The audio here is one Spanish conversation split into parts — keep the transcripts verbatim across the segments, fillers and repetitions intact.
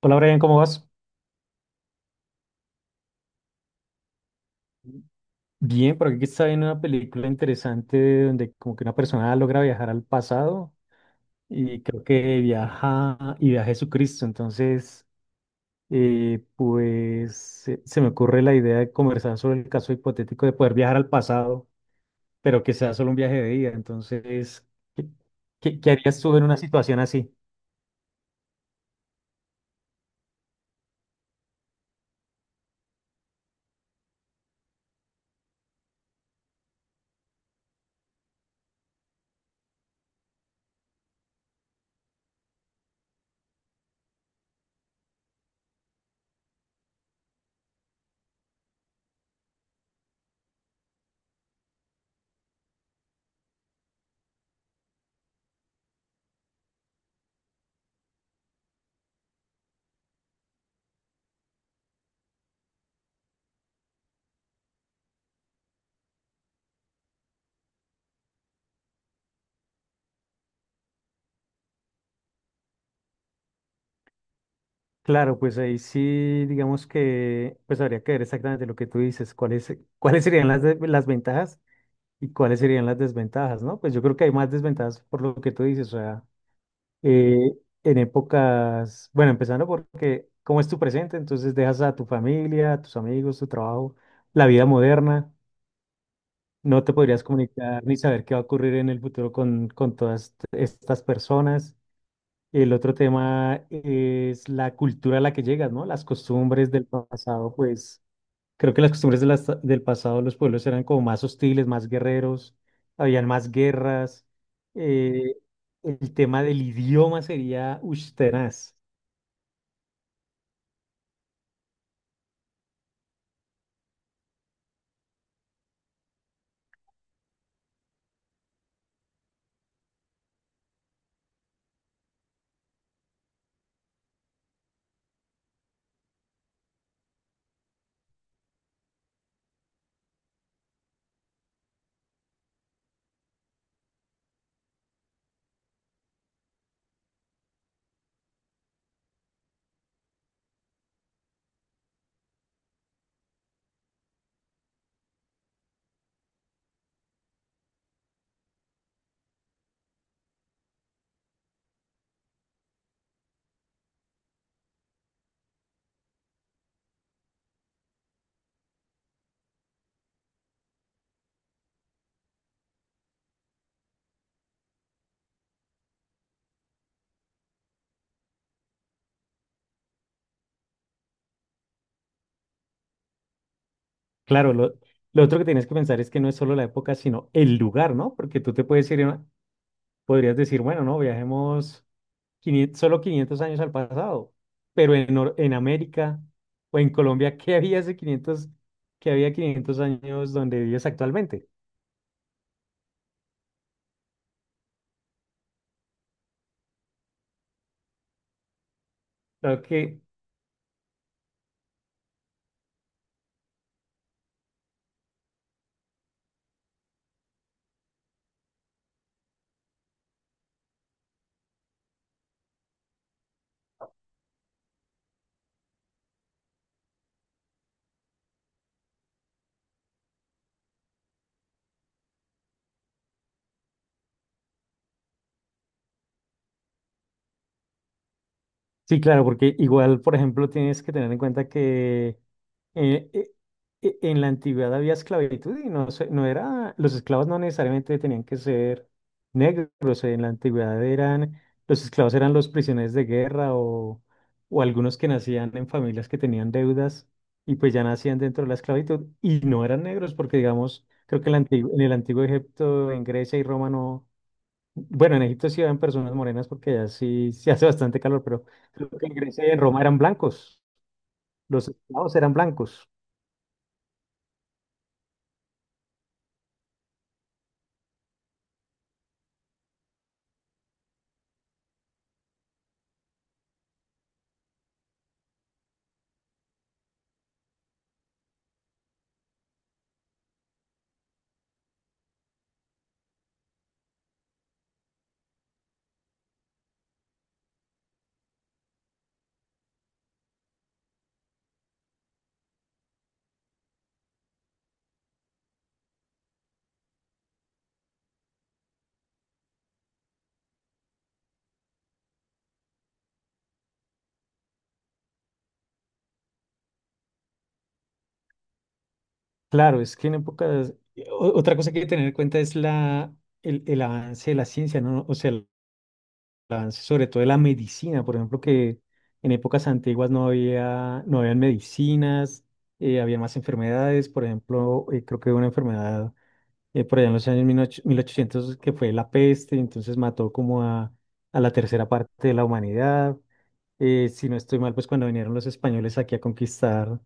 Hola Brian, ¿cómo vas? Bien, por aquí está viendo una película interesante donde como que una persona logra viajar al pasado y creo que viaja y viaja a Jesucristo. Entonces, eh, pues se, se me ocurre la idea de conversar sobre el caso hipotético de poder viajar al pasado, pero que sea solo un viaje de día. Entonces, ¿qué, ¿qué- qué harías tú en una situación así? Claro, pues ahí sí, digamos que pues habría que ver exactamente lo que tú dices, cuáles, cuáles serían las, de- las ventajas. ¿Y cuáles serían las desventajas, no? Pues yo creo que hay más desventajas por lo que tú dices, o sea, eh, en épocas, bueno, empezando por cómo es tu presente, entonces dejas a tu familia, a tus amigos, tu trabajo, la vida moderna, no te podrías comunicar ni saber qué va a ocurrir en el futuro con, con todas t- estas personas. El otro tema es la cultura a la que llegas, ¿no? Las costumbres del pasado, pues creo que las costumbres de las- del pasado, los pueblos eran como más hostiles, más guerreros, habían más guerras. eh, el tema del idioma sería ush, tenaz. Claro, lo, lo otro que tienes que pensar es que no es solo la época, sino el lugar, ¿no? Porque tú te puedes ir, a- podrías decir, bueno, no, viajemos quinientos solo quinientos años al pasado, pero en, Nor- en América o en Colombia, ¿qué había hace quinientos qué había quinientos años donde vives actualmente? Claro que sí, claro, porque igual, por ejemplo, tienes que tener en cuenta que eh, eh, eh, en la antigüedad había esclavitud y no, se- no era, los esclavos no necesariamente tenían que ser negros, en la antigüedad eran, los esclavos eran los prisioneros de guerra o, o algunos que nacían en familias que tenían deudas y pues ya nacían dentro de la esclavitud y no eran negros porque, digamos, creo que en, la antigua- en el antiguo Egipto, en Grecia y Roma no. Bueno, en Egipto sí habían personas morenas porque allá sí, sí hace bastante calor, pero creo que en Grecia y en Roma eran blancos. Los esclavos eran blancos. Claro, es que en épocas... o- otra cosa que hay que tener en cuenta es la, el, el avance de la ciencia, ¿no? O sea, el avance sobre todo de la medicina, por ejemplo, que en épocas antiguas no había, no habían medicinas, eh, había más enfermedades, por ejemplo, eh, creo que una enfermedad eh, por allá en los años dieciocho- mil ochocientos, que fue la peste, entonces mató como a, a la tercera parte de la humanidad. Eh, si no estoy mal, pues cuando vinieron los españoles aquí a conquistar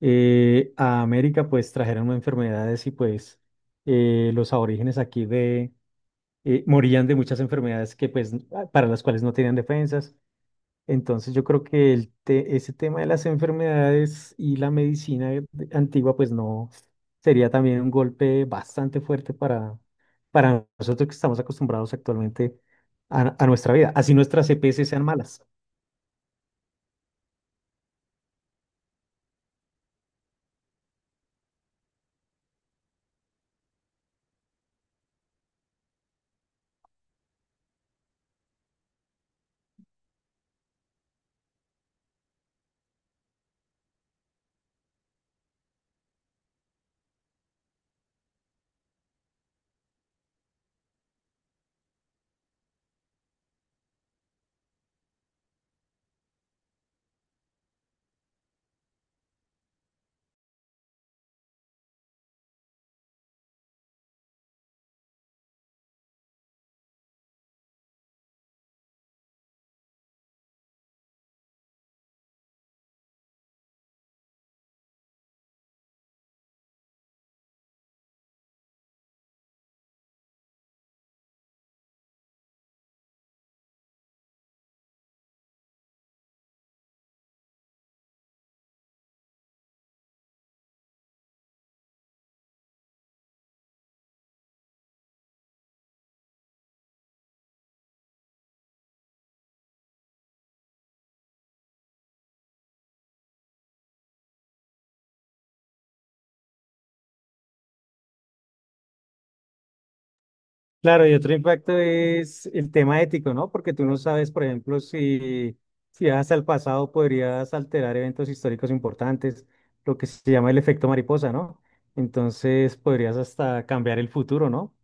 eh, a América, pues trajeron enfermedades y pues eh, los aborígenes aquí de, eh, morían de muchas enfermedades que pues para las cuales no tenían defensas. Entonces yo creo que el te- ese tema de las enfermedades y la medicina de- antigua, pues no, sería también un golpe bastante fuerte para, para nosotros que estamos acostumbrados actualmente a, a nuestra vida, así nuestras E P S sean malas. Claro, y otro impacto es el tema ético, ¿no? Porque tú no sabes, por ejemplo, si, si vas al pasado podrías alterar eventos históricos importantes, lo que se llama el efecto mariposa, ¿no? Entonces podrías hasta cambiar el futuro, ¿no?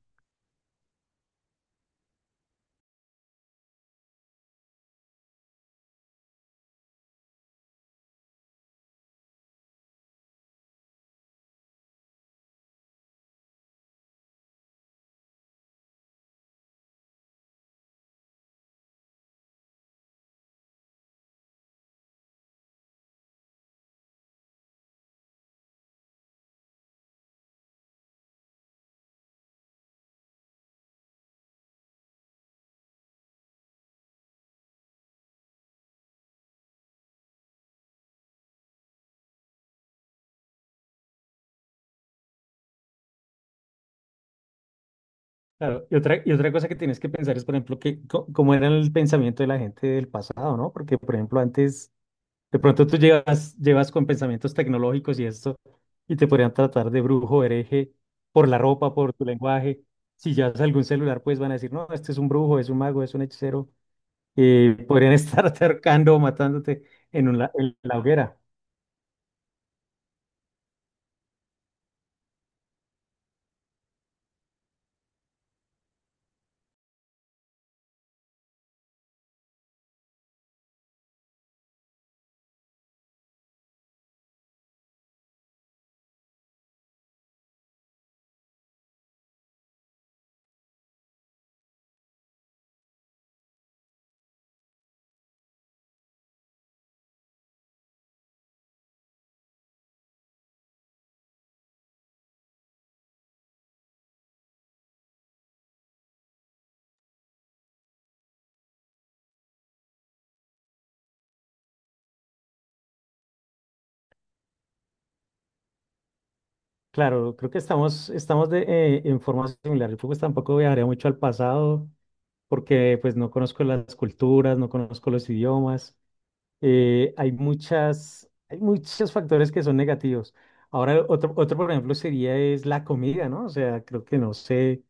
Claro, y otra, y otra cosa que tienes que pensar es, por ejemplo, que co- cómo era el pensamiento de la gente del pasado, ¿no? Porque, por ejemplo, antes, de pronto tú llevas, llevas con pensamientos tecnológicos y esto, y te podrían tratar de brujo, hereje, por la ropa, por tu lenguaje. Si llevas algún celular, pues van a decir, no, este es un brujo, es un mago, es un hechicero. Y podrían estar acercando o matándote en, un la- en la hoguera. Claro, creo que estamos, estamos de, eh, en forma similar. Yo pues tampoco viajaría mucho al pasado, porque pues no conozco las culturas, no conozco los idiomas. Eh, hay muchas, hay muchos factores que son negativos. Ahora, otro, otro, por ejemplo, sería es la comida, ¿no? O sea, creo que no sé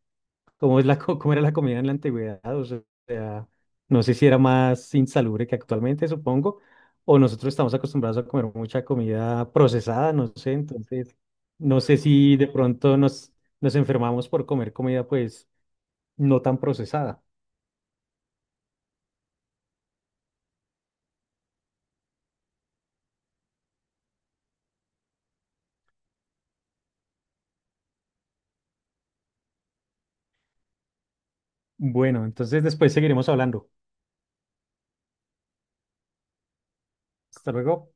cómo es la, co- cómo era la comida en la antigüedad, o sea, no sé si era más insalubre que actualmente, supongo, o nosotros estamos acostumbrados a comer mucha comida procesada, no sé, entonces, no sé si de pronto nos, nos enfermamos por comer comida, pues, no tan procesada. Bueno, entonces después seguiremos hablando. Hasta luego.